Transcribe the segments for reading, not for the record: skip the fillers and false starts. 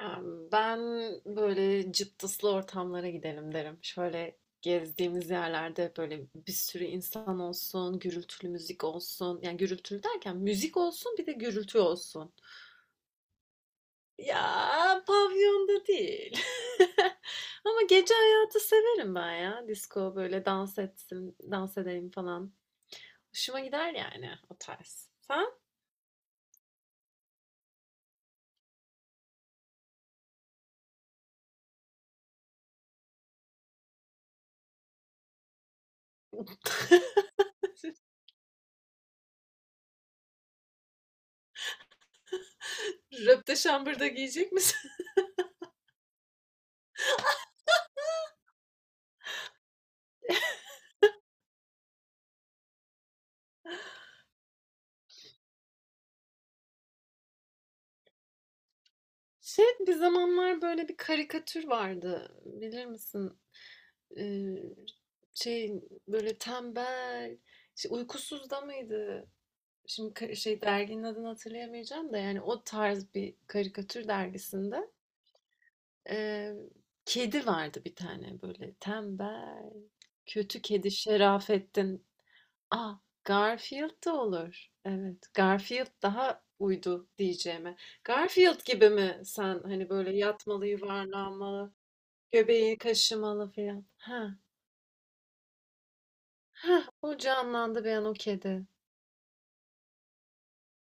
Ben böyle cıptıslı ortamlara gidelim derim. Şöyle gezdiğimiz yerlerde böyle bir sürü insan olsun, gürültülü müzik olsun. Yani gürültülü derken müzik olsun bir de gürültü olsun. Ya, pavyonda değil. Ama gece hayatı severim ben ya. Disko böyle dans etsin, dans edelim falan. Hoşuma gider yani o tarz. Sen? Röpte şambırda giyecek misin? Şey, bir zamanlar böyle bir karikatür vardı. Bilir misin? Eee, şey, böyle tembel, işte, Uykusuz da mıydı? Şimdi şey derginin adını hatırlayamayacağım da yani o tarz bir karikatür dergisinde, eee, kedi vardı bir tane böyle tembel, kötü kedi Şerafettin. Ah Garfield da olur. Evet, Garfield daha uydu diyeceğime. Garfield gibi mi sen? Hani böyle yatmalı, yuvarlanmalı, göbeği kaşımalı falan? Ha. Heh, o canlandı bir an o kedi.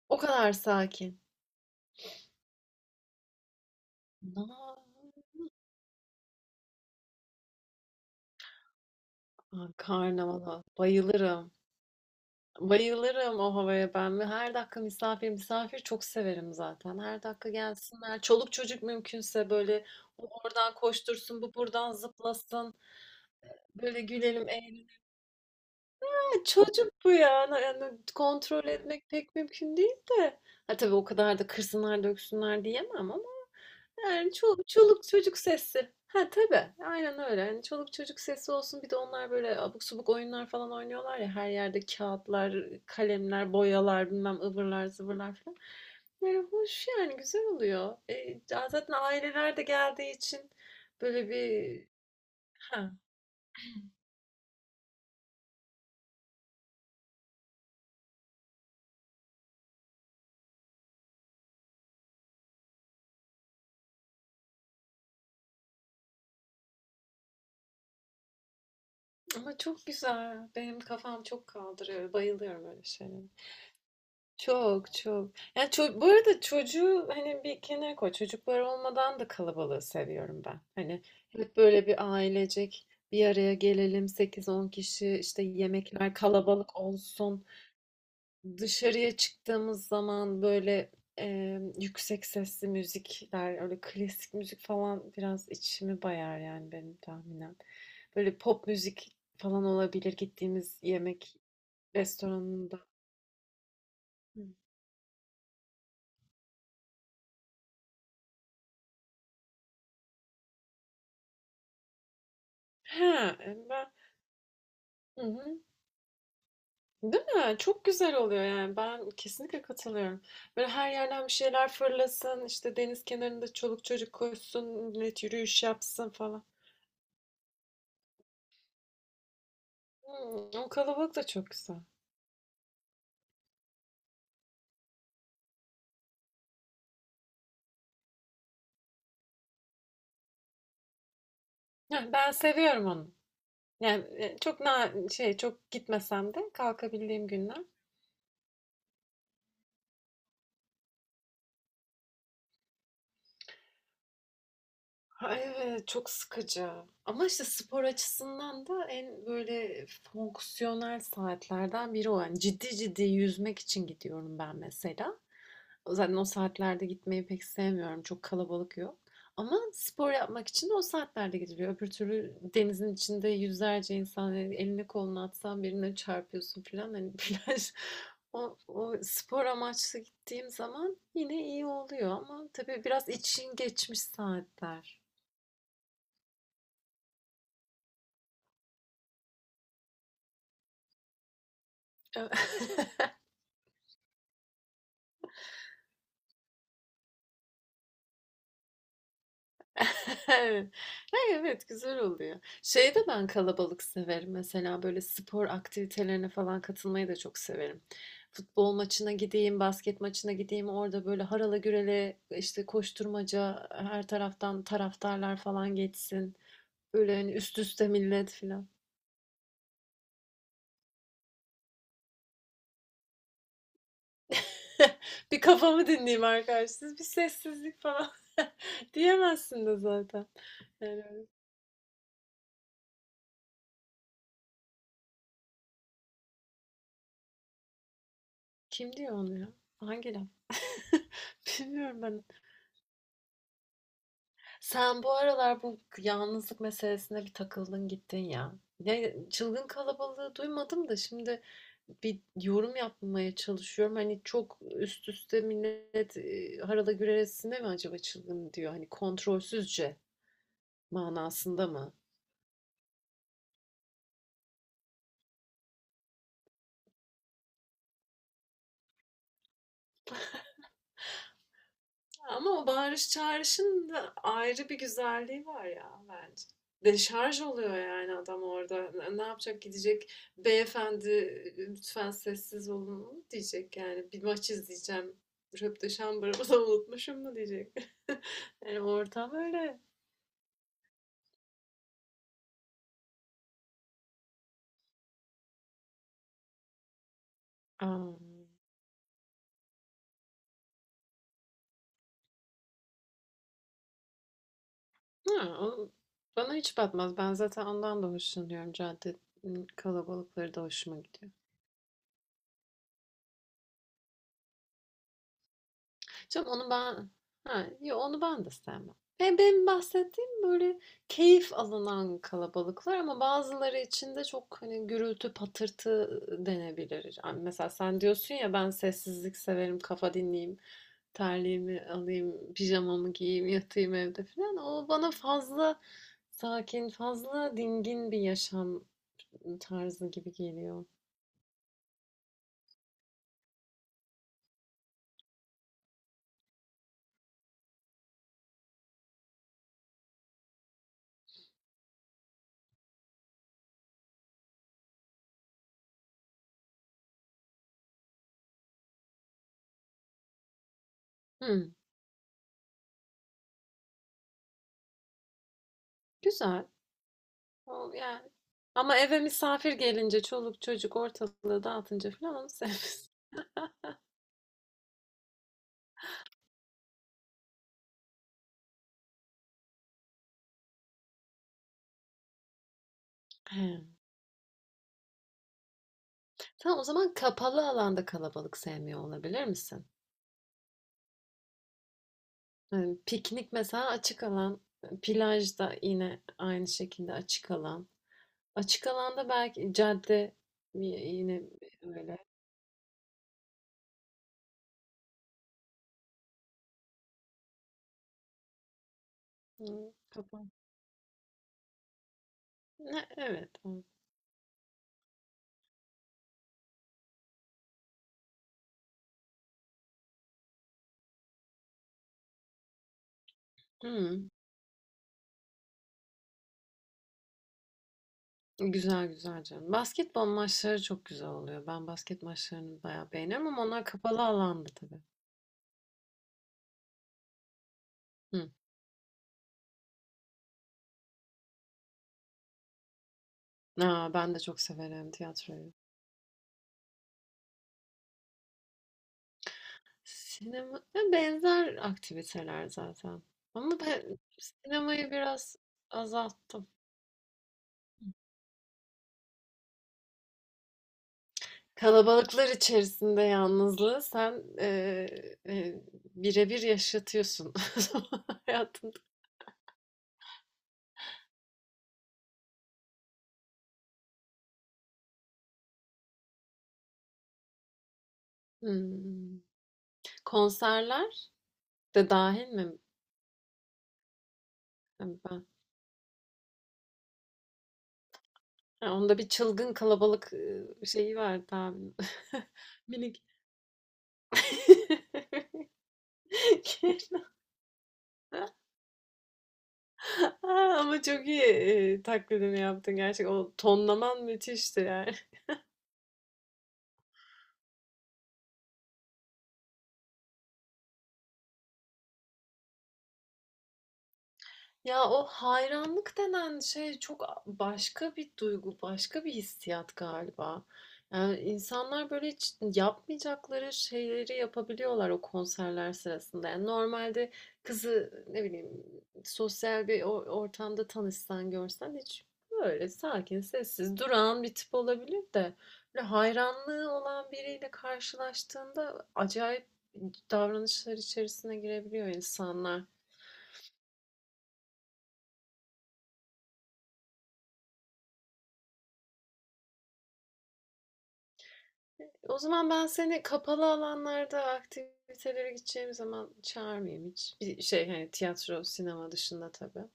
O kadar sakin. Na A, karnavala bayılırım. Bayılırım o havaya ben ve her dakika misafir misafir çok severim zaten. Her dakika gelsinler. Çoluk çocuk mümkünse böyle o oradan koştursun, bu buradan zıplasın. Böyle gülelim, eğlenelim. Çocuk bu ya. Yani kontrol etmek pek mümkün değil de. Ha, tabii o kadar da kırsınlar döksünler diyemem ama yani çoluk çocuk sesi. Ha tabii. Aynen öyle. Yani çoluk çocuk sesi olsun. Bir de onlar böyle abuk subuk oyunlar falan oynuyorlar ya. Her yerde kağıtlar, kalemler, boyalar, bilmem ıvırlar zıvırlar falan. Böyle hoş yani güzel oluyor. E, zaten aileler de geldiği için böyle bir ha. Ama çok güzel. Benim kafam çok kaldırıyor. Bayılıyorum öyle şeylere. Çok çok. Yani bu arada çocuğu hani bir kenara koy. Çocuklar olmadan da kalabalığı seviyorum ben. Hani hep böyle bir ailecek bir araya gelelim 8-10 kişi işte yemekler kalabalık olsun. Dışarıya çıktığımız zaman böyle, yüksek sesli müzikler, öyle klasik müzik falan biraz içimi bayar yani benim tahminen. Böyle pop müzik falan olabilir gittiğimiz yemek restoranında. Hı. He, ben. Hı hı. Değil mi? Çok güzel oluyor yani. Ben kesinlikle katılıyorum. Böyle her yerden bir şeyler fırlasın, işte deniz kenarında çoluk çocuk koşsun, millet yürüyüş yapsın falan. Hımm, o kalabalık da çok güzel. Heh, ben seviyorum onu. Yani, çok şey, çok gitmesem de kalkabildiğim günler. Ha, evet, çok sıkıcı ama işte spor açısından da en böyle fonksiyonel saatlerden biri o. Yani ciddi ciddi yüzmek için gidiyorum ben mesela. Zaten o saatlerde gitmeyi pek sevmiyorum. Çok kalabalık yok. Ama spor yapmak için de o saatlerde gidiliyor. Öbür türlü denizin içinde yüzlerce insan yani elini kolunu atsan birine çarpıyorsun falan. Hani plaj o, o spor amaçlı gittiğim zaman yine iyi oluyor ama tabii biraz için geçmiş saatler. Evet. Ay, evet, güzel oluyor. Şeyi de ben kalabalık severim. Mesela böyle spor aktivitelerine falan katılmayı da çok severim. Futbol maçına gideyim, basket maçına gideyim. Orada böyle harala gürele işte koşturmaca her taraftan taraftarlar falan geçsin. Böyle hani üst üste millet falan. Bir kafamı dinleyeyim arkadaşlar. Bir sessizlik falan. Diyemezsin de zaten. Yani kim diyor onu ya? Hangi laf? Bilmiyorum ben. Sen bu aralar bu yalnızlık meselesine bir takıldın gittin ya. Ne çılgın kalabalığı duymadım da şimdi bir yorum yapmaya çalışıyorum. Hani çok üst üste millet e, harala güreresine mi acaba çılgın diyor? Hani kontrolsüzce manasında mı? Ama o bağırış çağrışın da ayrı bir güzelliği var ya bence. Deşarj oluyor yani adam orada. Ne yapacak, gidecek beyefendi lütfen sessiz olun mu diyecek yani. Bir maç izleyeceğim. Röpteşambırımı da unutmuşum mu diyecek. Yani ortam öyle. Aa, ha, bana hiç batmaz. Ben zaten ondan da hoşlanıyorum. Cadde kalabalıkları da hoşuma gidiyor. Canım onu ben ha, yo, onu ben de sevmem. Ben benim bahsettiğim böyle keyif alınan kalabalıklar ama bazıları için de çok hani gürültü patırtı denebilir. Yani mesela sen diyorsun ya ben sessizlik severim, kafa dinleyeyim, terliğimi alayım, pijamamı giyeyim, yatayım evde falan. O bana fazla sakin, fazla dingin bir yaşam tarzı gibi geliyor. Hmm, güzel. O, yani. Ama eve misafir gelince çoluk çocuk ortalığı dağıtınca falan onu sevmiyorsun. He. Sen o zaman kapalı alanda kalabalık sevmiyor olabilir misin? Yani piknik mesela açık alan, plajda yine aynı şekilde açık alan. Açık alanda belki cadde yine öyle. Hı, kapalı. Ne- Evet. Evet. Hı. Güzel güzel canım. Basketbol maçları çok güzel oluyor. Ben basket maçlarını bayağı beğeniyorum ama onlar kapalı alanda tabii. Hı. A! Ben de çok severim tiyatroyu. Sinema ya, benzer aktiviteler zaten ama ben sinemayı biraz azalttım. Kalabalıklar içerisinde yalnızlığı sen, bire yaşatıyorsun hayatında. Hımm. Konserler de dahil mi? Tabii ben. Ha, onda bir çılgın kalabalık, şeyi vardı abimin. Minik. Ama çok iyi, taklidini yaptın gerçekten. O tonlaman müthişti yani. Ya, o hayranlık denen şey çok a başka bir duygu, başka bir hissiyat galiba. Yani, insanlar böyle hiç yapmayacakları şeyleri yapabiliyorlar o konserler sırasında. Yani, normalde kızı, ne bileyim, sosyal bir ortamda tanışsan, görsen hiç böyle sakin, sessiz, durağan bir tip olabilir de böyle hayranlığı olan biriyle karşılaştığında acayip davranışlar içerisine girebiliyor insanlar. O zaman ben seni kapalı alanlarda aktivitelere gideceğim zaman çağırmayayım hiç. Bir şey hani tiyatro, sinema dışında tabii.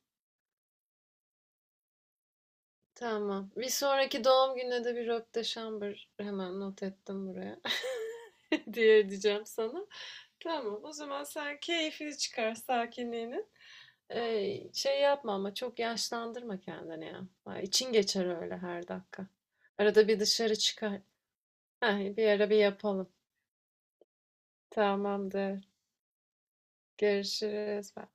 Tamam. Bir sonraki doğum gününe de bir röp de şambır hemen not ettim buraya. diye diyeceğim sana. Tamam. O zaman sen keyfini çıkar sakinliğini. Şey yapma ama çok yaşlandırma kendini ya. Ay, İçin geçer öyle her dakika. Arada bir dışarı çıkar. Ha, bir ara bir yapalım. Tamamdır. Görüşürüz. Bye.